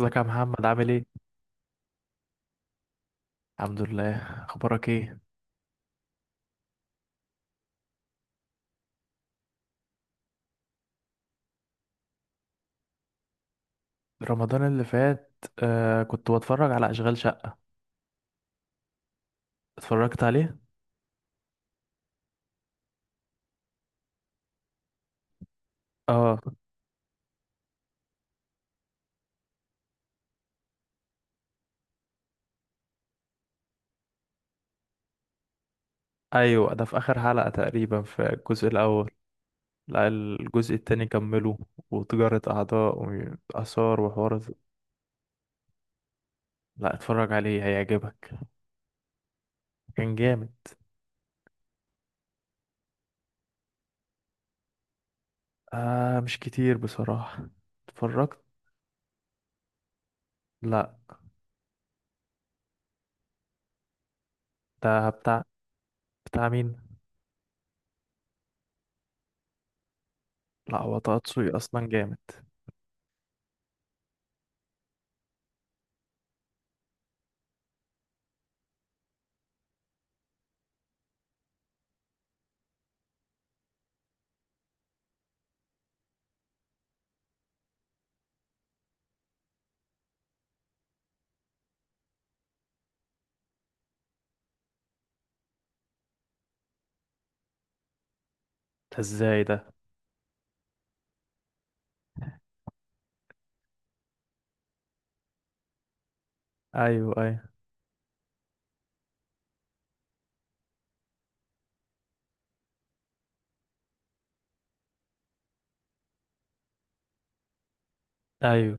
ازيك يا محمد؟ عامل ايه؟ الحمد لله. اخبارك ايه؟ رمضان اللي فات كنت بتفرج على اشغال شقة. اتفرجت عليه؟ اه. ايوه ده في اخر حلقة تقريبا في الجزء الاول. لا الجزء التاني كمله، وتجارة اعضاء، واثار وحوارات. لا اتفرج عليه، هيعجبك. كان جامد. آه، مش كتير بصراحة. اتفرجت. لا. ده بتاع. بتاع مين؟ لا هو طه دسوقي اصلا جامد. ده ازاي ده؟ ايوه، ايوه. ايوه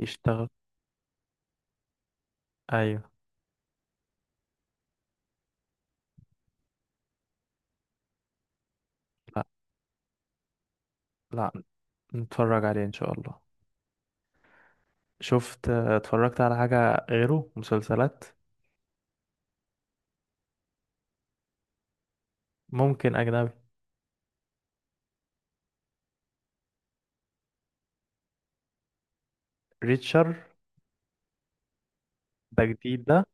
يشتغل. ايوه. لا نتفرج عليه ان شاء الله. شفت، اتفرجت على حاجة غيره مسلسلات؟ ممكن اجنبي. ريتشر؟ ده جديد ده؟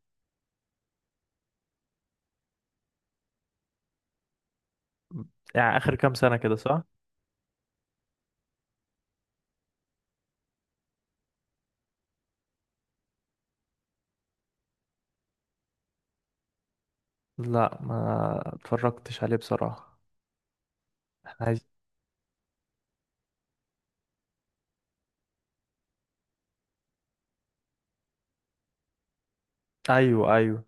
يعني اخر كام سنة كده، صح؟ لا ما اتفرجتش عليه بصراحة. احنا عايز. ايوه، ايوه،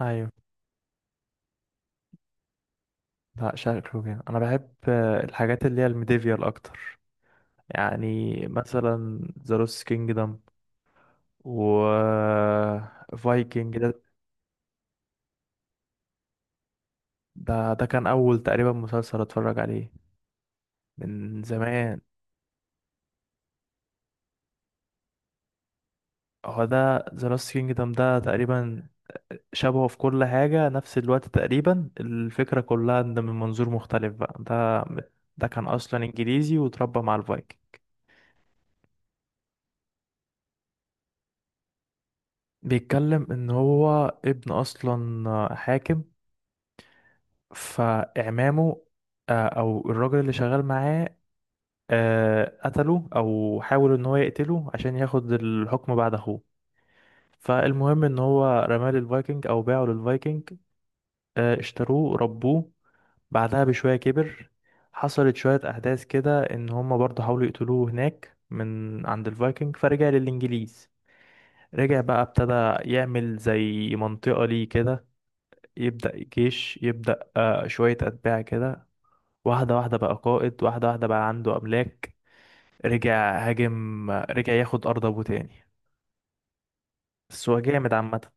ايوه. لا شكله جامد. انا بحب الحاجات اللي هي الميديفيال اكتر. يعني مثلا ذا لوست كينجدم، و فايكنج. ده ده كان اول تقريبا مسلسل اتفرج عليه من زمان. هو ده ذا لاست كينجدم ده تقريبا شبهه في كل حاجة، نفس الوقت تقريبا، الفكرة كلها ان من منظور مختلف بقى. ده ده كان اصلا انجليزي وتربى مع الفايكنج. بيتكلم ان هو ابن اصلا حاكم، فاعمامه، او الراجل اللي شغال معاه، قتله، او حاول ان هو يقتله عشان ياخد الحكم بعد اخوه. فالمهم ان هو رماه للفايكنج، او باعه للفايكنج. اشتروه، ربوه. بعدها بشوية كبر. حصلت شوية أحداث كده إن هما برضه حاولوا يقتلوه هناك من عند الفايكنج، فرجع للإنجليز. رجع بقى ابتدى يعمل زي منطقة ليه كده، يبدأ جيش، يبدأ شوية أتباع كده، واحدة واحدة بقى قائد، واحدة واحدة بقى عنده أملاك. رجع هاجم، رجع ياخد أرض أبوه تاني. بس هو جامد عامة.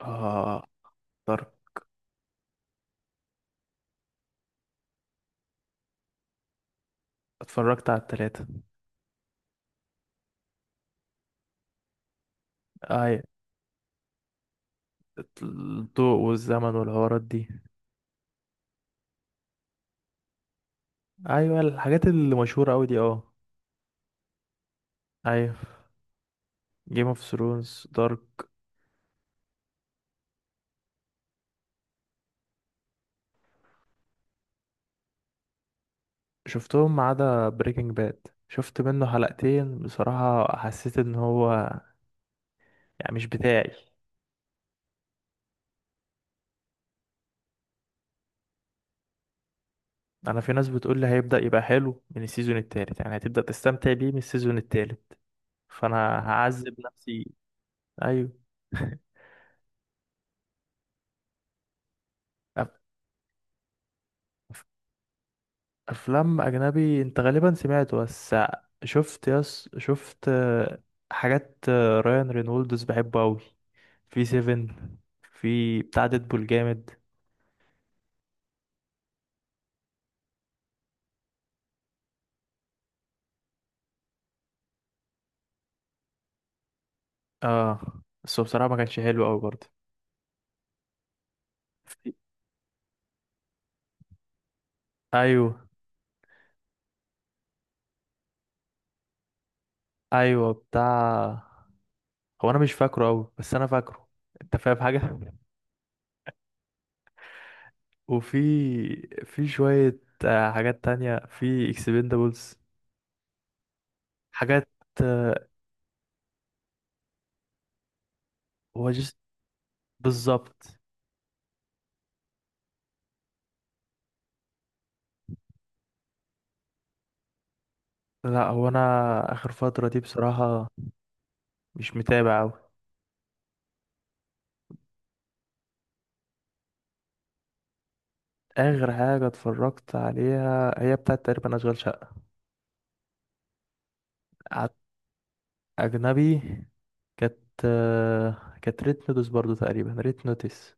آه اتفرجت. اتفرجت على التلاتة. أي الضوء والزمن والحوارات دي؟ ايوه الحاجات اللي مشهوره قوي دي، اه. ايوه، جيم اوف ثرونز، دارك. شفتهم ما عدا بريكنج باد، شفت منه حلقتين بصراحه، حسيت ان هو يعني مش بتاعي. انا في ناس بتقول لي هيبدا يبقى حلو من السيزون التالت، يعني هتبدا تستمتع بيه من السيزون التالت. فانا هعذب نفسي. ايوه. أف- أف- افلام اجنبي انت غالبا سمعته. بس شفت يس، شفت حاجات. رايان رينولدز بحبه قوي في سيفن، في بتاع ديدبول جامد. اه بس هو بصراحة ما كانش حلو قوي برضه. في- ايوه، ايوه بتاع. هو انا مش فاكره قوي بس انا فاكره. انت فاهم حاجة. وفي، في شوية حاجات تانية. في اكسبندابلز، حاجات. آه، هو جس، بالظبط. لا هو انا اخر فترة دي بصراحة مش متابع قوي. اخر حاجة اتفرجت عليها هي بتاعت تقريبا اشغال شقة. اجنبي، كانت كانت ريت نوتس برضو، تقريبا ريت نوتس.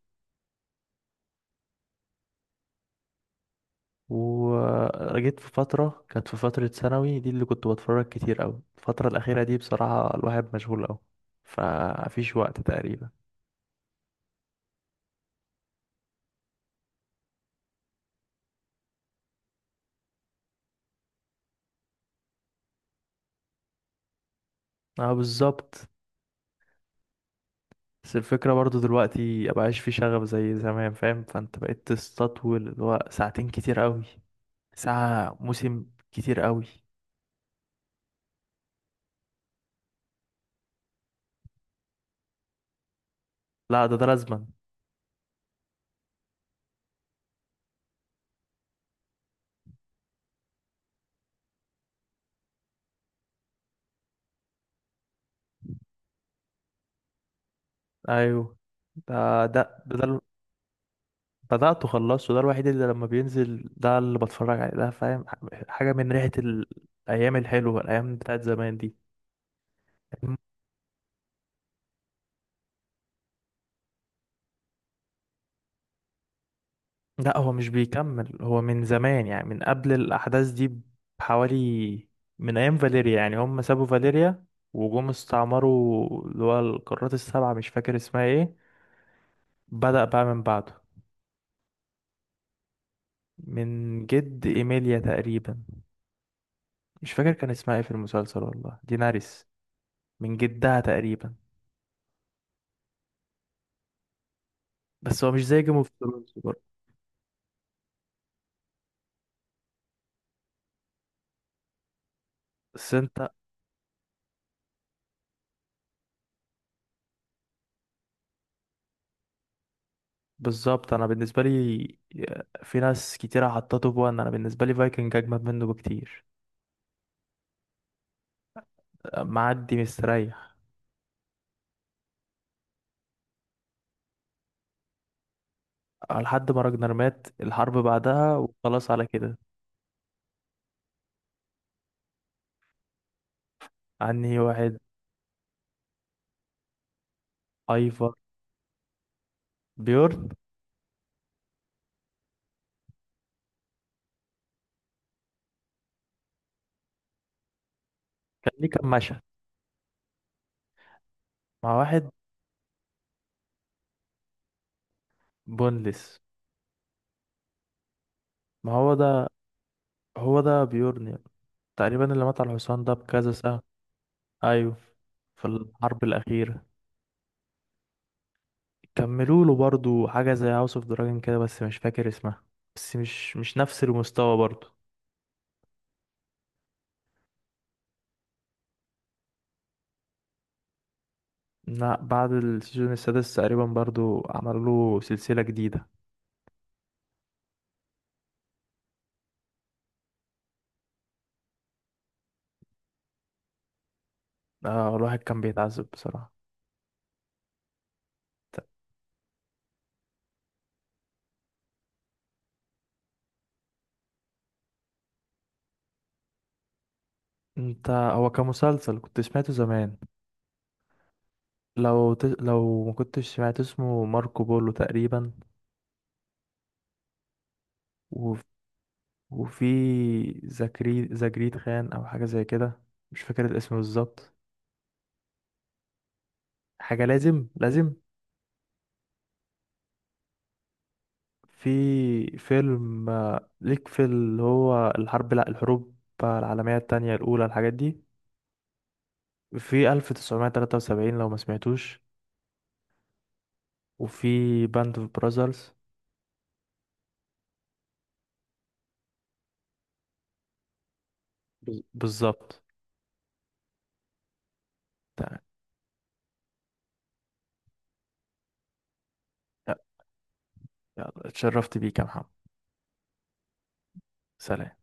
وجيت في فترة، كانت في فترة ثانوي دي اللي كنت بتفرج كتير أوي. الفترة الأخيرة دي بصراحة الواحد مشغول أوي، فمفيش وقت تقريبا. اه بالظبط. بس الفكرة برضو دلوقتي مبقاش في شغف زي زمان، فاهم؟ فانت بقيت تستطول اللي هو ساعتين كتير أوي. ساعة، موسم، كتير أوي. لا ده ده لازما. أيوه. ده. بدأت وخلصته. ده الوحيد اللي لما بينزل ده اللي بتفرج عليه، ده فاهم حاجة من ريحة الأيام الحلوة، الأيام بتاعت زمان دي. لا هو مش بيكمل. هو من زمان، يعني من قبل الأحداث دي بحوالي، من أيام فاليريا. يعني هم سابوا فاليريا وجم استعمروا اللي هو القارات السبعة، مش فاكر اسمها ايه. بدأ بقى من بعده، من جد إيميليا تقريبا. مش فاكر كان اسمها ايه في المسلسل، والله ديناريس، من جدها تقريبا. بس هو مش زي جيم اوف ثرونز. بس انت بالظبط، انا بالنسبه لي، في ناس كتير حطته بوان، انا بالنسبه لي فايكنج اجمد منه بكتير. معدي مستريح لحد ما راجنر مات، الحرب بعدها وخلاص على كده. عني واحد. ايفر، بيورن. كان ليه كام مشهد مع واحد. بونلس. ما هو ده. هو ده بيورن يعني. تقريبا اللي مات على الحصان ده بكذا سنه. ايوه، في الحرب الاخيره. كملوا له برضو حاجه زي هاوس اوف دراجون كده، بس مش فاكر اسمها. بس مش نفس المستوى برضو. لا بعد السيزون السادس تقريبا برضو عملوا له سلسلة جديدة. آه، الواحد كان بيتعذب بصراحة. ت- انت هو كمسلسل كنت سمعته زمان، لو ما كنتش سمعت اسمه ماركو بولو تقريبا. و... وفي زكري زجريد خان او حاجة زي كده، مش فاكر الاسم بالظبط. حاجة لازم لازم. في فيلم ليك في اللي هو الحرب، لا الحروب العالمية التانية، الأولى، الحاجات دي. في 1973 لو ما سمعتوش. وفي باند اوف براذرز. بالظبط. تمام. يلا، اتشرفت بيك يا محمد. سلام.